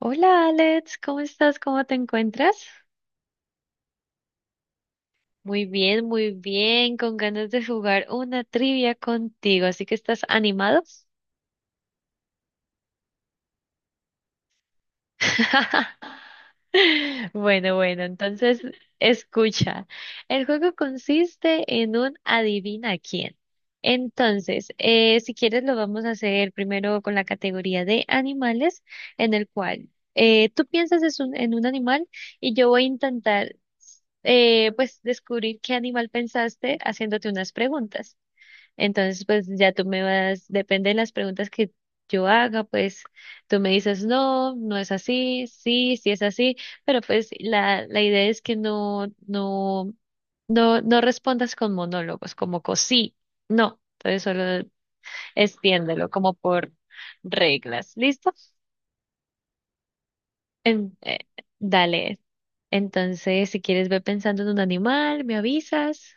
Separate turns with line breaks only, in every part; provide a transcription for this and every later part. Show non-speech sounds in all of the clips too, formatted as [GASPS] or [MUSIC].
Hola Alex, ¿cómo estás? ¿Cómo te encuentras? Muy bien, con ganas de jugar una trivia contigo, así que ¿estás animado? [LAUGHS] Bueno, bueno, entonces escucha. El juego consiste en un adivina quién. Entonces, si quieres, lo vamos a hacer primero con la categoría de animales, en el cual tú piensas es un- en un animal y yo voy a intentar pues descubrir qué animal pensaste haciéndote unas preguntas. Entonces, pues ya tú me vas, depende de las preguntas que yo haga, pues tú me dices, no, no es así, sí, sí es así, pero pues la idea es que no, no, no, no respondas con monólogos, como con sí, no, entonces solo extiéndelo como por reglas, ¿listo? En- eh, dale. Entonces, si quieres ve pensando en un animal, me avisas.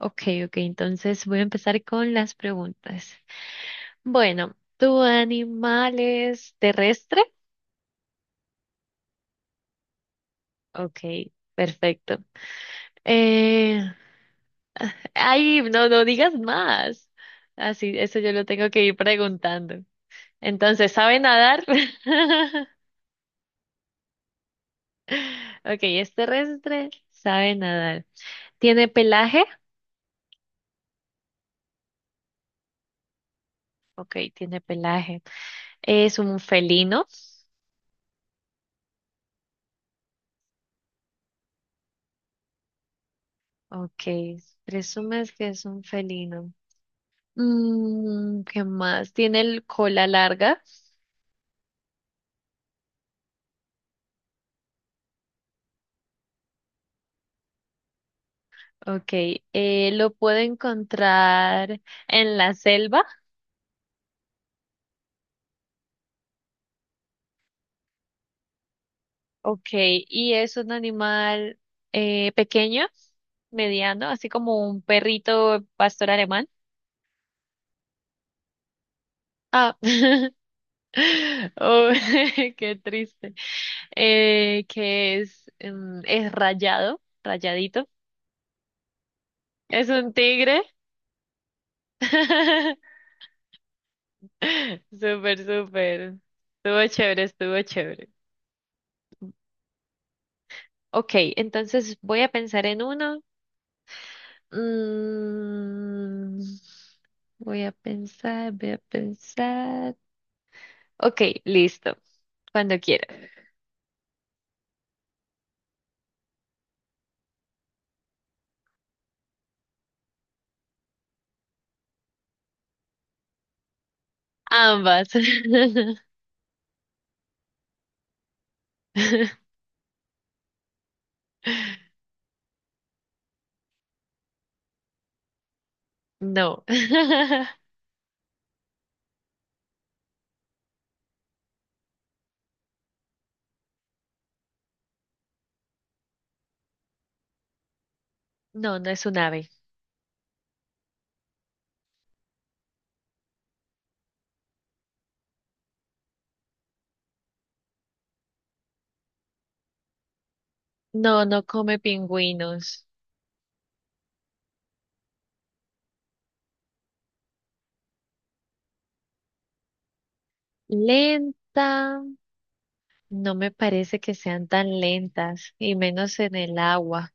Ok, ok, entonces voy a empezar con las preguntas. Bueno, ¿tu animal es terrestre? Ok, perfecto. Eh, ay, no, no digas más. Así, eso yo lo tengo que ir preguntando. Entonces, ¿sabe nadar? [LAUGHS] Ok, es terrestre, sabe nadar. ¿Tiene pelaje? Ok, tiene pelaje. ¿Es un felino? Ok, presumes que es un felino. Mm, ¿qué más? ¿Tiene el cola larga? Okay, lo puedo encontrar en la selva. Okay, y es un animal pequeño, mediano, así como un perrito pastor alemán. Ah, [LAUGHS] oh, [LAUGHS] qué triste. Es rayado, rayadito. Es un tigre. [LAUGHS] Súper, súper. Estuvo chévere, estuvo chévere. Ok, entonces voy a pensar en uno. Mm, voy a pensar, voy a pensar. Ok, listo. Cuando quiera. Ambas. [LAUGHS] No. [LAUGHS] No, no es un ave. No, no come pingüinos. ¿Lenta? No me parece que sean tan lentas, y menos en el agua.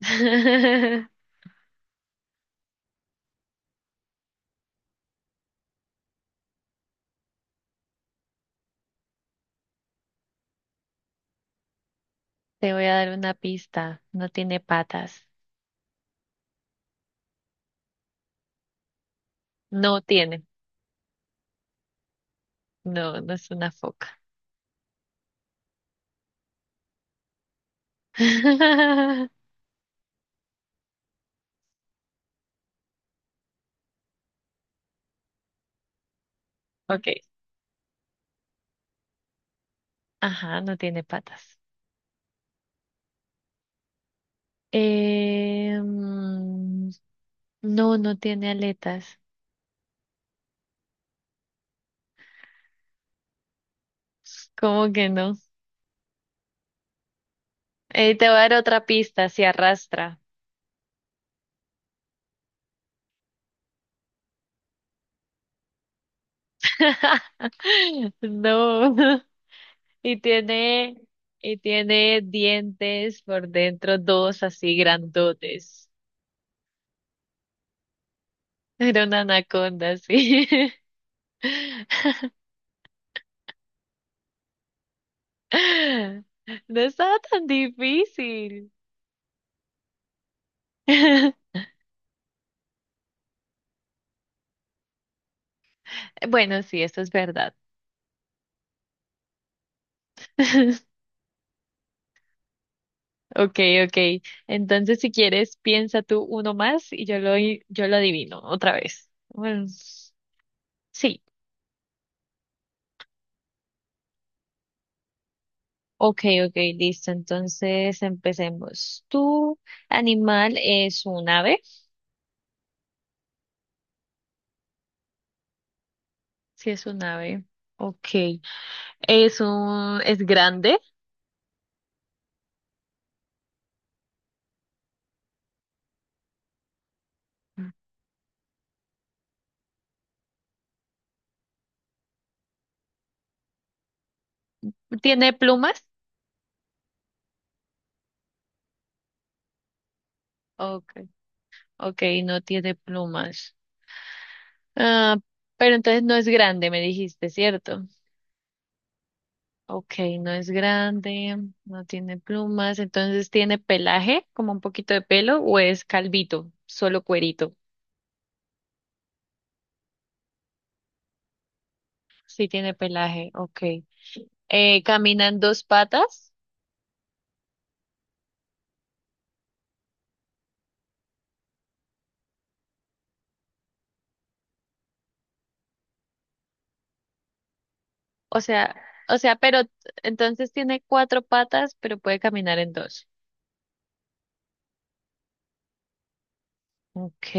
[LAUGHS] Te voy a dar una pista. No tiene patas. No tiene. No, no es una foca. [LAUGHS] Ok. Ajá, no tiene patas. Eh, mm, no, no tiene aletas. ¿Cómo que no? Te voy a dar otra pista, se arrastra. [LAUGHS] No. Y tiene, y tiene dientes por dentro, dos así grandotes. Era una anaconda, sí. [LAUGHS] No estaba tan difícil. [LAUGHS] Bueno, sí, eso es verdad. [LAUGHS] Ok, ok. Entonces, si quieres, piensa tú uno más y yo lo adivino otra vez. Bueno, sí. Ok, ok, listo. Entonces, empecemos. ¿Tu animal es un ave? Sí, es un ave. Ok. ¿Es grande? ¿Tiene plumas? Ok, ok, no tiene plumas. Ah, pero entonces no es grande, me dijiste, ¿cierto? Ok, no es grande, no tiene plumas, entonces tiene pelaje, como un poquito de pelo, o es calvito, solo cuerito. Sí tiene pelaje, ok. Camina en dos patas, o sea, pero entonces tiene cuatro patas, pero puede caminar en dos. Ok.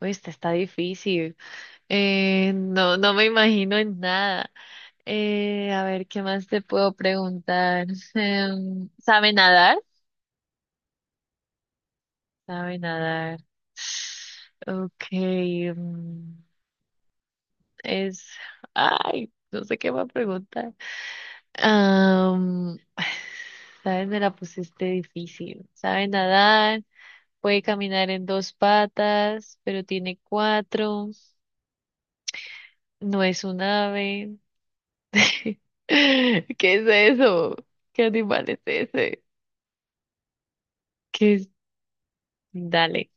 Uy, esta está difícil. No, no me imagino en nada. A ver, ¿qué más te puedo preguntar? [LAUGHS] ¿Sabe nadar? Sabe nadar. [SIGHS] Ok. Mm, es. Ay, no sé qué va a preguntar. Am, [SIGHS] ¿sabes? Me la pusiste difícil. Sabe nadar, puede caminar en dos patas, pero tiene cuatro. No es un ave. [LAUGHS] ¿Qué es eso? ¿Qué animal es ese? ¿Qué es? Dale.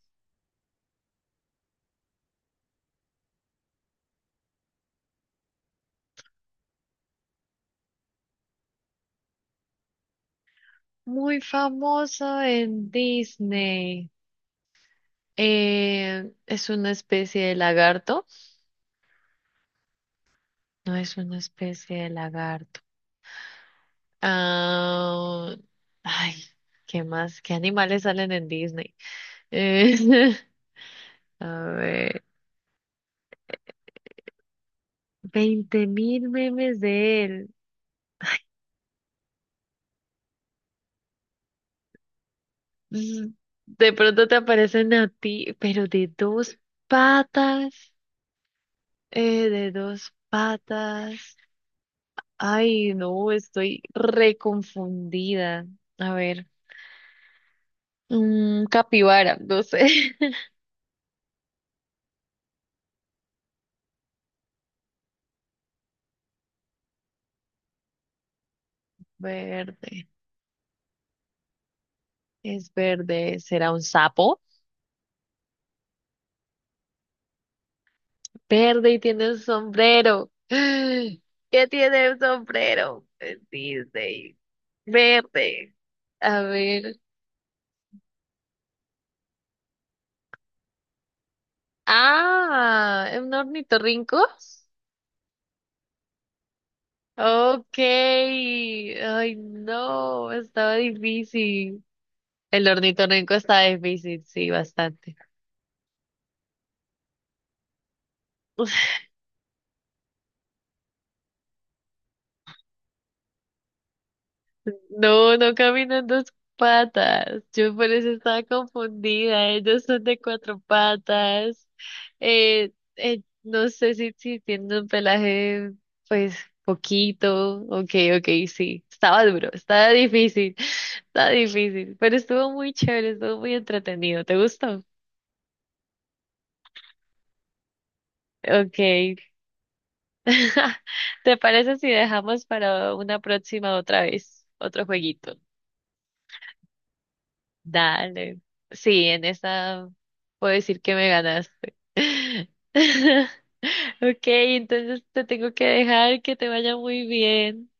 Muy famoso en Disney. Es una especie de lagarto. No es una especie de lagarto. Ah, ay, ¿qué más? ¿Qué animales salen en Disney? Eh, [LAUGHS] a ver, 20.000 memes de él. Mm, de pronto te aparecen a ti, pero de dos patas. De dos patas. Ay, no, estoy reconfundida. A ver, mm, capibara, no sé. [LAUGHS] Verde. Es verde. ¿Será un sapo? Verde y tiene un sombrero. [GASPS] ¿Qué tiene un sombrero? Es Disney. Verde. A ver. Ah, ¿es un ornitorrinco? Ok. Ay, no, estaba difícil. El ornitorrinco estaba difícil, sí, bastante. No, no caminan dos patas. Yo por eso estaba confundida. Ellos son de cuatro patas. No sé si, si tienen un pelaje, pues, poquito. Ok, ok, sí. Estaba duro, estaba difícil, [LAUGHS] estaba difícil. Pero estuvo muy chévere, estuvo muy entretenido. ¿Te gustó? Ok. [LAUGHS] ¿Te parece si dejamos para una próxima otra vez otro jueguito? Dale. Sí, en esa puedo decir que me ganaste. [LAUGHS] Ok, entonces te tengo que dejar que te vaya muy bien.